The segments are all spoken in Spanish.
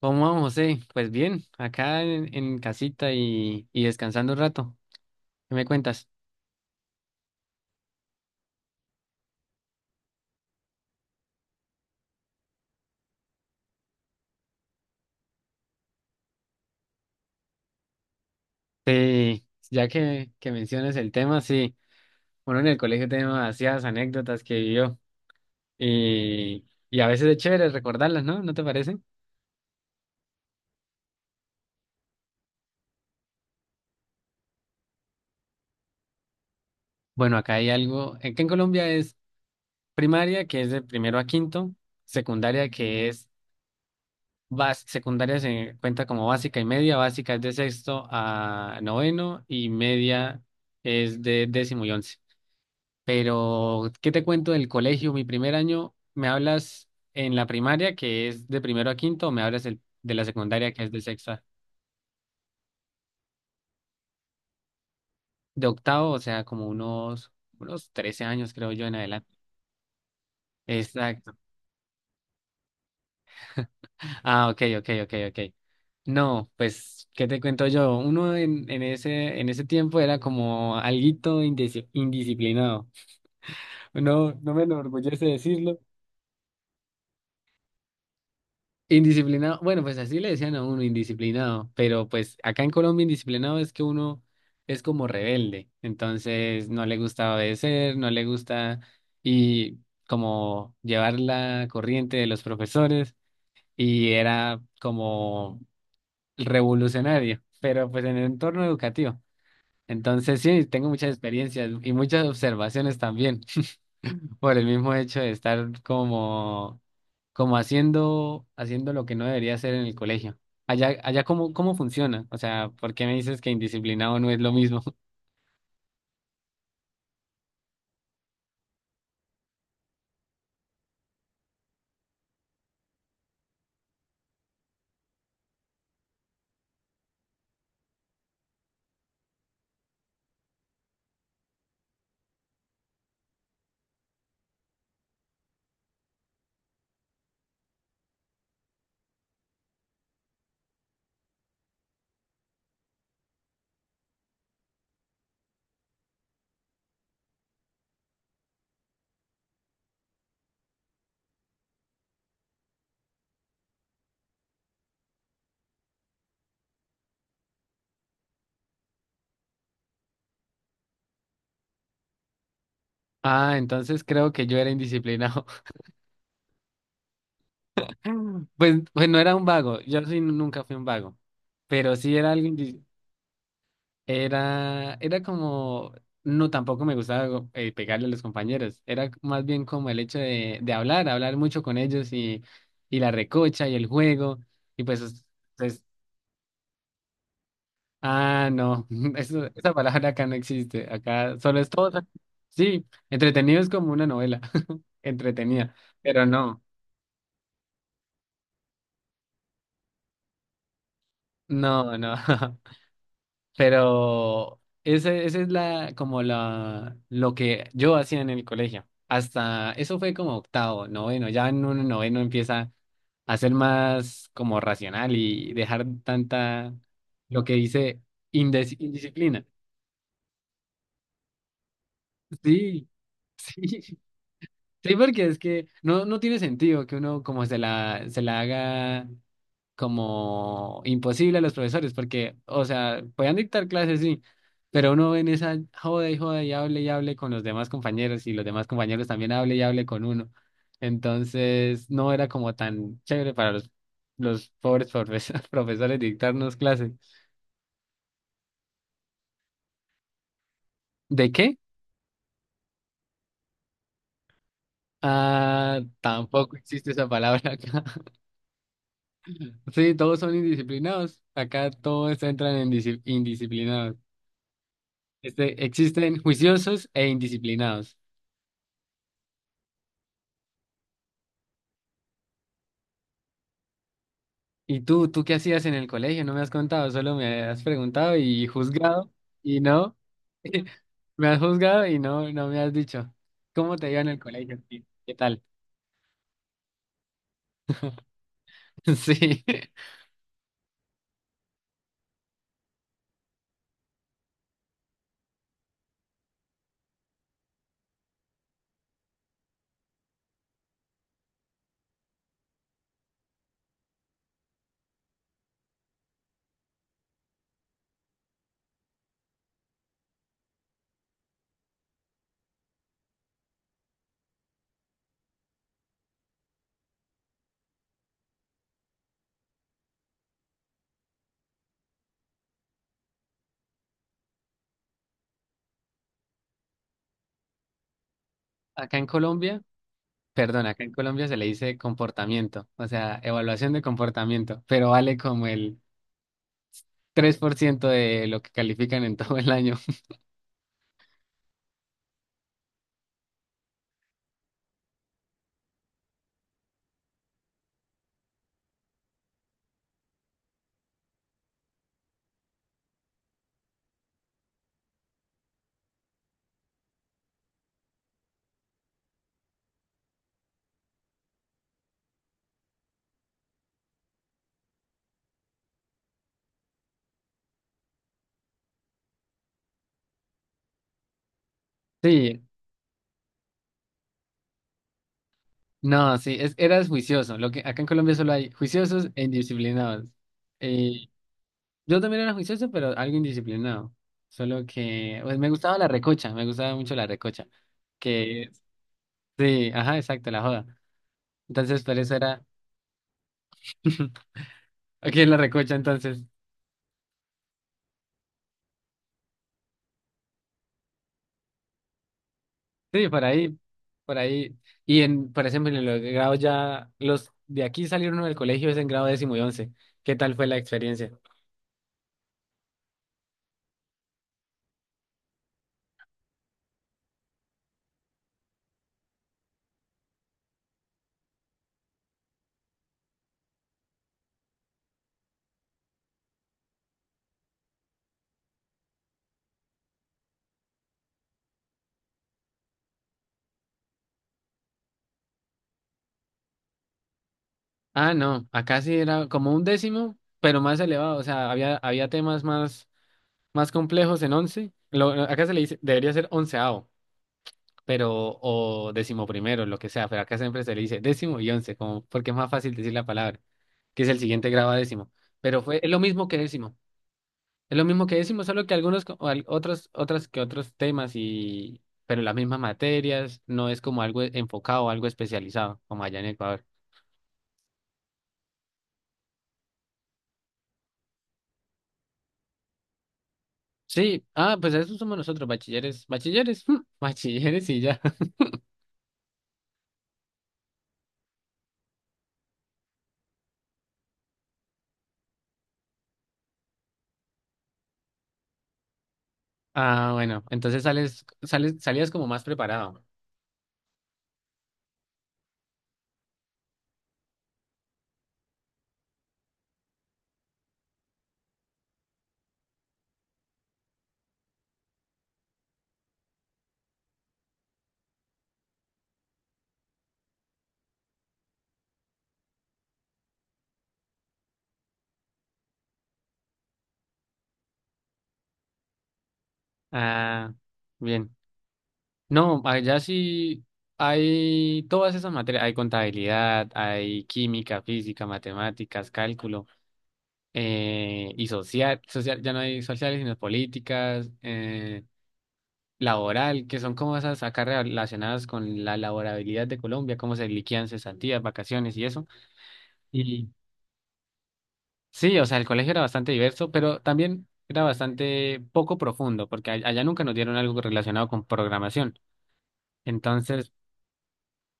¿Cómo vamos, José? Pues bien, acá en casita y descansando un rato. ¿Qué me cuentas? Sí, ya que mencionas el tema, sí, uno en el colegio tiene demasiadas anécdotas que vivió y a veces es chévere recordarlas, ¿no? ¿No te parece? Bueno, acá hay algo, que en Colombia es primaria, que es de primero a quinto, secundaria, secundaria se cuenta como básica y media. Básica es de sexto a noveno y media es de décimo y once. Pero ¿qué te cuento del colegio? Mi primer año, ¿me hablas en la primaria, que es de primero a quinto, o me hablas de la secundaria, que es de sexta, de octavo? O sea, como unos 13 años, creo yo, ¿en adelante? Exacto. Ah, ok, ok, ok, ok. No, pues, ¿qué te cuento yo? Uno en ese tiempo era como alguito indisciplinado. No, no me enorgullece decirlo. Indisciplinado, bueno, pues así le decían a uno, indisciplinado, pero pues acá en Colombia indisciplinado es que uno es como rebelde, entonces no le gusta obedecer, no le gusta y como llevar la corriente de los profesores y era como revolucionario, pero pues en el entorno educativo. Entonces sí, tengo muchas experiencias y muchas observaciones también por el mismo hecho de estar como, como haciendo lo que no debería hacer en el colegio. Allá cómo funciona. O sea, ¿por qué me dices que indisciplinado no es lo mismo? Ah, entonces creo que yo era indisciplinado. Pues no era un vago, yo sí nunca fui un vago, pero sí era algo indi- Era como, no, tampoco me gustaba pegarle a los compañeros. Era más bien como el hecho de hablar mucho con ellos y la recocha y el juego, y pues, pues, ah, no, esa palabra acá no existe. Acá solo es todo, sí, entretenido es como una novela, entretenida, pero no, no, no, Pero ese es la, como la, lo que yo hacía en el colegio. Hasta eso fue como octavo, noveno. Ya en un noveno empieza a ser más como racional y dejar tanta, lo que dice, indisciplina. Sí, sí, sí, porque es que no, no tiene sentido que uno como se la haga como imposible a los profesores, porque, o sea, podían dictar clases, sí, pero uno ve en esa joda y joda y hable con los demás compañeros y los demás compañeros también hable y hable con uno. Entonces, no era como tan chévere para los pobres profes- profesores dictarnos clases. ¿De qué? Ah, tampoco existe esa palabra acá. Sí, todos son indisciplinados. Acá todos entran en disci- indisciplinados. Este, existen juiciosos e indisciplinados. ¿Y tú qué hacías en el colegio? No me has contado, solo me has preguntado y juzgado y no. Me has juzgado y no, no me has dicho. ¿Cómo te iba en el colegio? ¿Qué tal? Sí. Acá en Colombia, perdón, acá en Colombia se le dice comportamiento, o sea, evaluación de comportamiento, pero vale como el 3% de lo que califican en todo el año. Sí, no, sí, eras juicioso. Lo que acá en Colombia solo hay juiciosos e indisciplinados. Eh, Yo también era juicioso, pero algo indisciplinado. Solo que, pues me gustaba la recocha, me gustaba mucho la recocha. Que, sí, ajá, exacto, la joda. Entonces, por eso era, aquí en la recocha, entonces, sí, por ahí, por ahí. Y por ejemplo, en los grados ya, los de aquí salieron del colegio es en grado décimo y once. ¿Qué tal fue la experiencia? Ah, no, acá sí era como un décimo, pero más elevado, o sea, había temas más, más complejos en once. Lo, acá se le dice, debería ser onceavo, pero o décimo primero, lo que sea, pero acá siempre se le dice décimo y once, como porque es más fácil decir la palabra, que es el siguiente grado a décimo, pero fue es lo mismo que décimo, es lo mismo que décimo, solo que algunos otros otras que otros temas y pero las mismas materias, no es como algo enfocado o algo especializado como allá en Ecuador. Sí, ah, pues eso somos nosotros, bachilleres, bachilleres, bachilleres y ya. Ah, bueno, entonces salías como más preparado. Ah, bien. No, allá sí hay todas esas materias, hay contabilidad, hay química, física, matemáticas, cálculo, y social, social, ya no hay sociales, sino políticas, laboral, que son como esas acá relacionadas con la laborabilidad de Colombia, cómo se liquidan cesantías, vacaciones y eso. Y sí, o sea, el colegio era bastante diverso, pero también era bastante poco profundo, porque allá nunca nos dieron algo relacionado con programación. Entonces,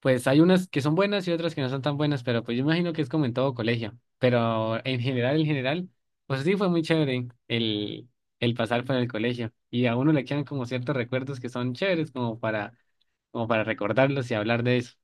pues hay unas que son buenas y otras que no son tan buenas, pero pues yo imagino que es como en todo colegio. Pero en general, pues sí fue muy chévere el pasar por el colegio. Y a uno le quedan como ciertos recuerdos que son chéveres como para, como para recordarlos y hablar de eso.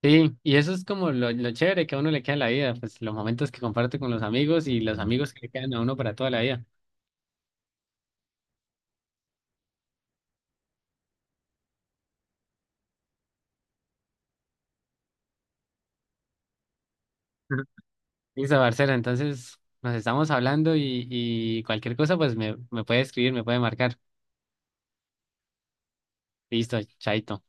Sí, y eso es como lo chévere que a uno le queda en la vida, pues los momentos que comparte con los amigos y los amigos que le quedan a uno para toda la vida. Ujú. Listo, Barcela, entonces nos estamos hablando y cualquier cosa pues me puede escribir, me puede marcar. Listo, chaito.